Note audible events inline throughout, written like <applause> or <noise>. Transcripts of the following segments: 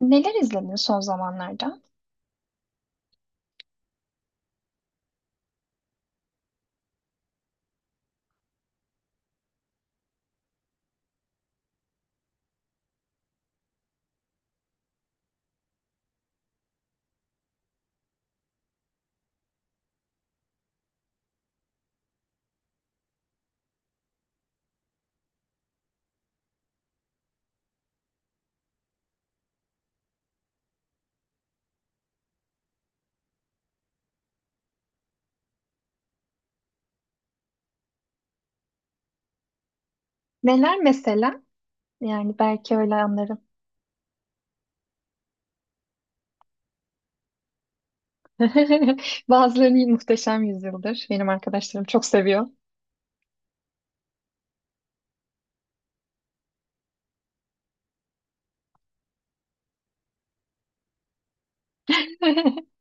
Neler izledin son zamanlarda? Neler mesela? Yani belki öyle anlarım. <laughs> Bazılarını muhteşem yüzyıldır. Benim arkadaşlarım çok seviyor. <laughs>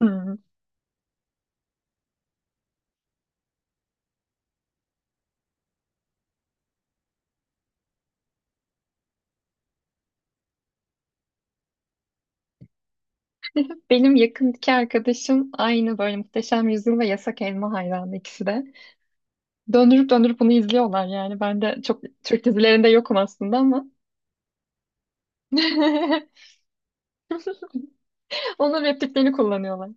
Hmm. Benim yakındaki arkadaşım aynı böyle Muhteşem Yüzyıl ve Yasak Elma hayranı ikisi de. Döndürüp döndürüp bunu izliyorlar yani. Ben de çok Türk dizilerinde yokum aslında ama. <laughs> Onun repliklerini kullanıyorlar.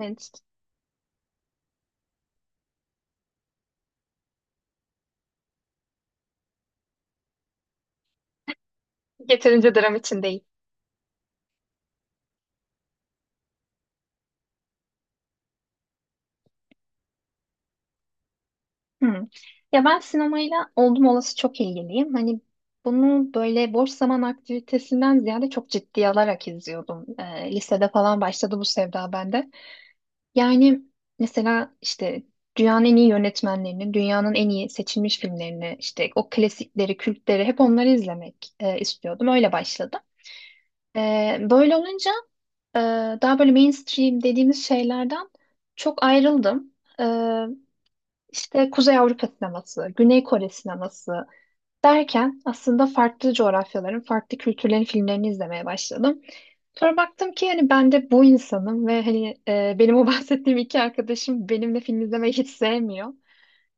Evet. Yeterince dram için değil. Hı. Ya ben sinemayla oldum olası çok ilgiliyim. Hani bunu böyle boş zaman aktivitesinden ziyade çok ciddiye alarak izliyordum. Lisede falan başladı bu sevda bende. Yani mesela işte dünyanın en iyi yönetmenlerini, dünyanın en iyi seçilmiş filmlerini, işte o klasikleri, kültleri hep onları izlemek istiyordum. Öyle başladım. Böyle olunca Ee, daha böyle mainstream dediğimiz şeylerden çok ayrıldım. Ee, işte Kuzey Avrupa sineması, Güney Kore sineması derken aslında farklı coğrafyaların, farklı kültürlerin filmlerini izlemeye başladım. Sonra baktım ki hani ben de bu insanım ve hani benim o <laughs> bahsettiğim iki arkadaşım benimle film izlemeyi hiç sevmiyor.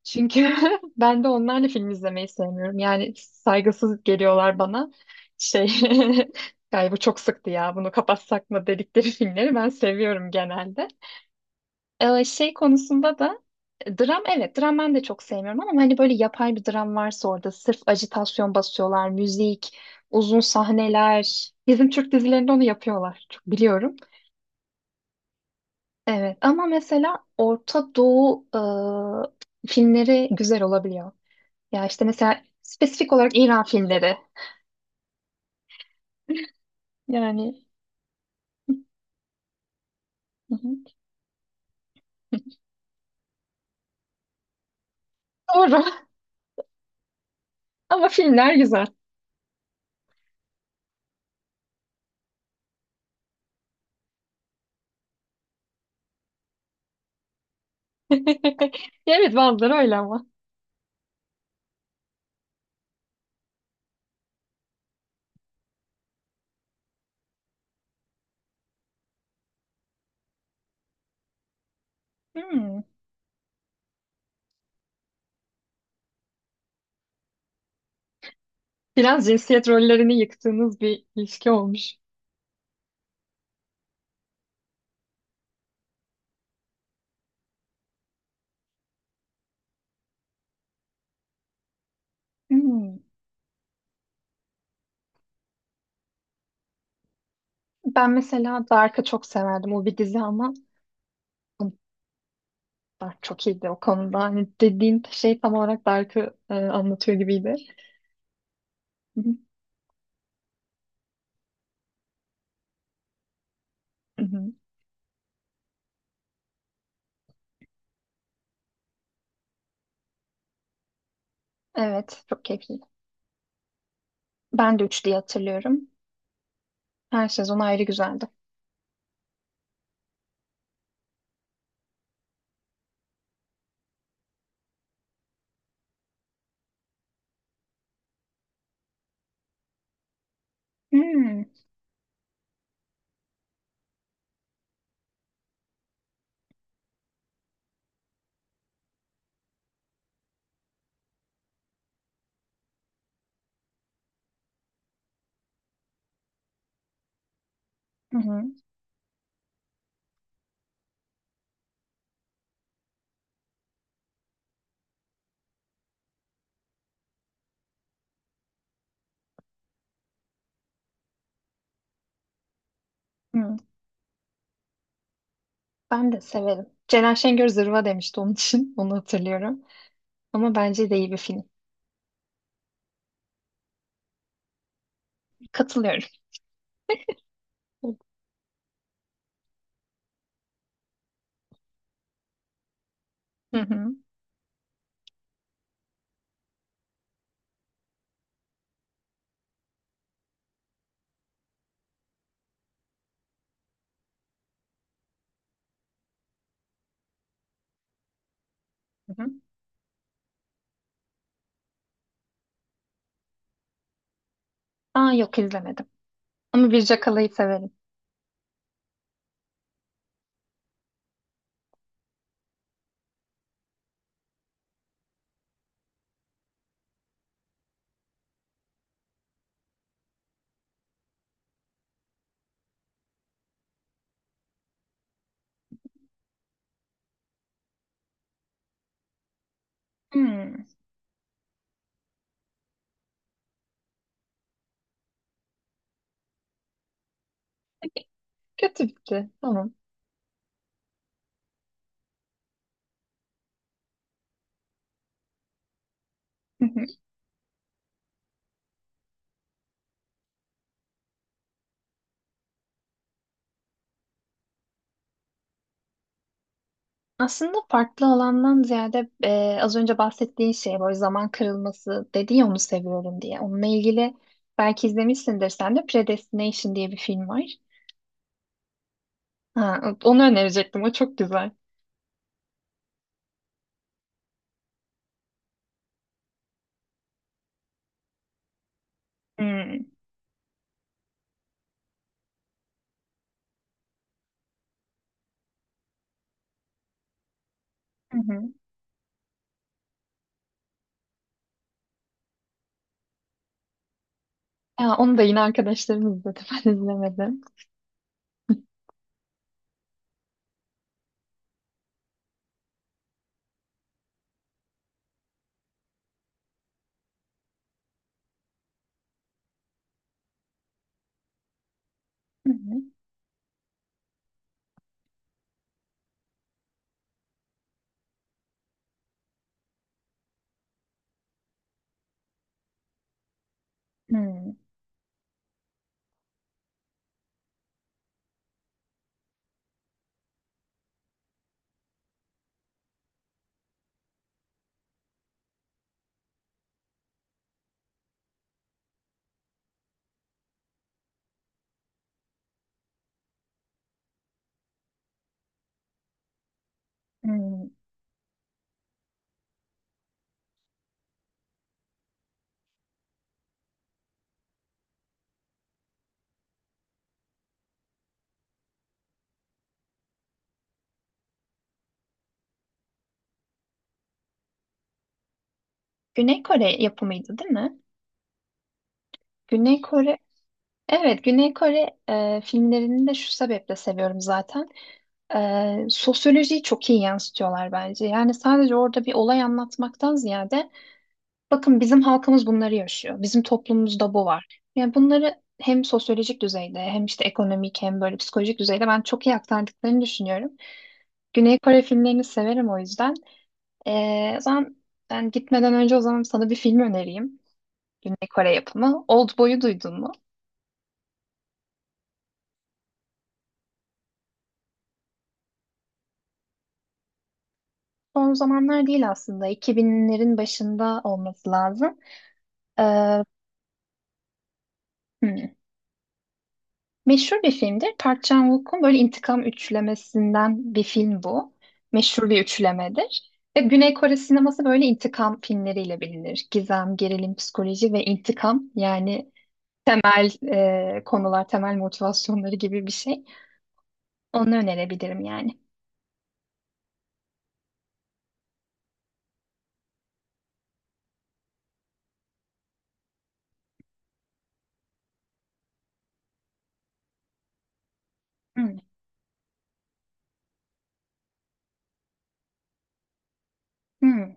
Çünkü <laughs> ben de onlarla film izlemeyi sevmiyorum. Yani saygısız geliyorlar bana. Şey, <laughs> galiba çok sıktı ya bunu kapatsak mı dedikleri filmleri ben seviyorum genelde. Şey konusunda da dram, evet, dram ben de çok sevmiyorum ama hani böyle yapay bir dram varsa orada sırf ajitasyon basıyorlar, müzik, uzun sahneler. Bizim Türk dizilerinde onu yapıyorlar. Çok biliyorum. Evet ama mesela Orta Doğu filmleri güzel olabiliyor. Ya işte mesela spesifik olarak İran filmleri. Yani hı hı. Doğru. <laughs> Ama filmler güzel. <laughs> Ya, evet, bazıları öyle ama. Hmm. Biraz cinsiyet rollerini yıktığınız bir ilişki olmuş. Hmm. Ben mesela Dark'ı çok severdim. O bir dizi ama Dark çok iyiydi o konuda. Hani dediğin şey tam olarak Dark'ı anlatıyor gibiydi. Hı hı, hı hı. Evet, çok keyifliydi. Ben de 3 diye hatırlıyorum. Her sezon ayrı güzeldi. Hmm. Hı hı. Hı. Ben de severim. Ceren Şengör zırva demişti onun için. <laughs> Onu hatırlıyorum. Ama bence de iyi bir film. Katılıyorum. Hı hı. Hı hı. Aa, yok, izlemedim. Ama Birce Kala'yı severim. Hmm. Kötü bitti. Tamam. Hı hı. Aslında farklı alandan ziyade az önce bahsettiğin şey böyle zaman kırılması dedi ya onu seviyorum diye. Onunla ilgili belki izlemişsindir sen de Predestination diye bir film var. Ha, onu önerecektim. O çok güzel. Hmm. Hı hı. Ya, onu da yine arkadaşlarım izledi. <laughs> Ben izlemedim. Hı hı. Hmm, hmm. Güney Kore yapımıydı, değil mi? Güney Kore, evet, Güney Kore filmlerini de şu sebeple seviyorum zaten. E, sosyolojiyi çok iyi yansıtıyorlar bence. Yani sadece orada bir olay anlatmaktan ziyade bakın bizim halkımız bunları yaşıyor. Bizim toplumumuzda bu var. Yani bunları hem sosyolojik düzeyde hem işte ekonomik hem böyle psikolojik düzeyde ben çok iyi aktardıklarını düşünüyorum. Güney Kore filmlerini severim o yüzden. O zaman ben gitmeden önce o zaman sana bir film önereyim. Güney Kore yapımı. Oldboy'u duydun mu? Son zamanlar değil aslında. 2000'lerin başında olması lazım. Ee, hmm. Meşhur bir filmdir. Park Chan-wook'un böyle intikam üçlemesinden bir film bu. Meşhur bir üçlemedir. Ve Güney Kore sineması böyle intikam filmleriyle bilinir. Gizem, gerilim, psikoloji ve intikam, yani temel konular, temel motivasyonları gibi bir şey. Onu önerebilirim yani. Hmm. Hmm.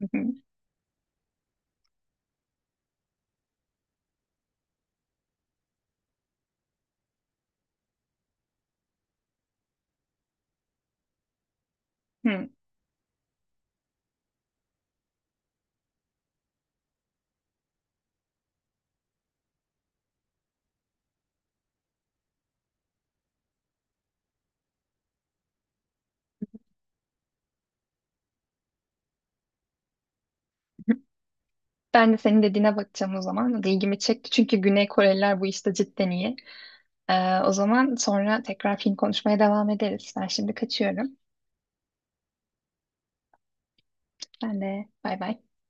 Hı hı. Hı. Ben de senin dediğine bakacağım o zaman. İlgimi çekti çünkü Güney Koreliler bu işte cidden iyi. O zaman sonra tekrar film konuşmaya devam ederiz. Ben şimdi kaçıyorum. Ben de bay bay.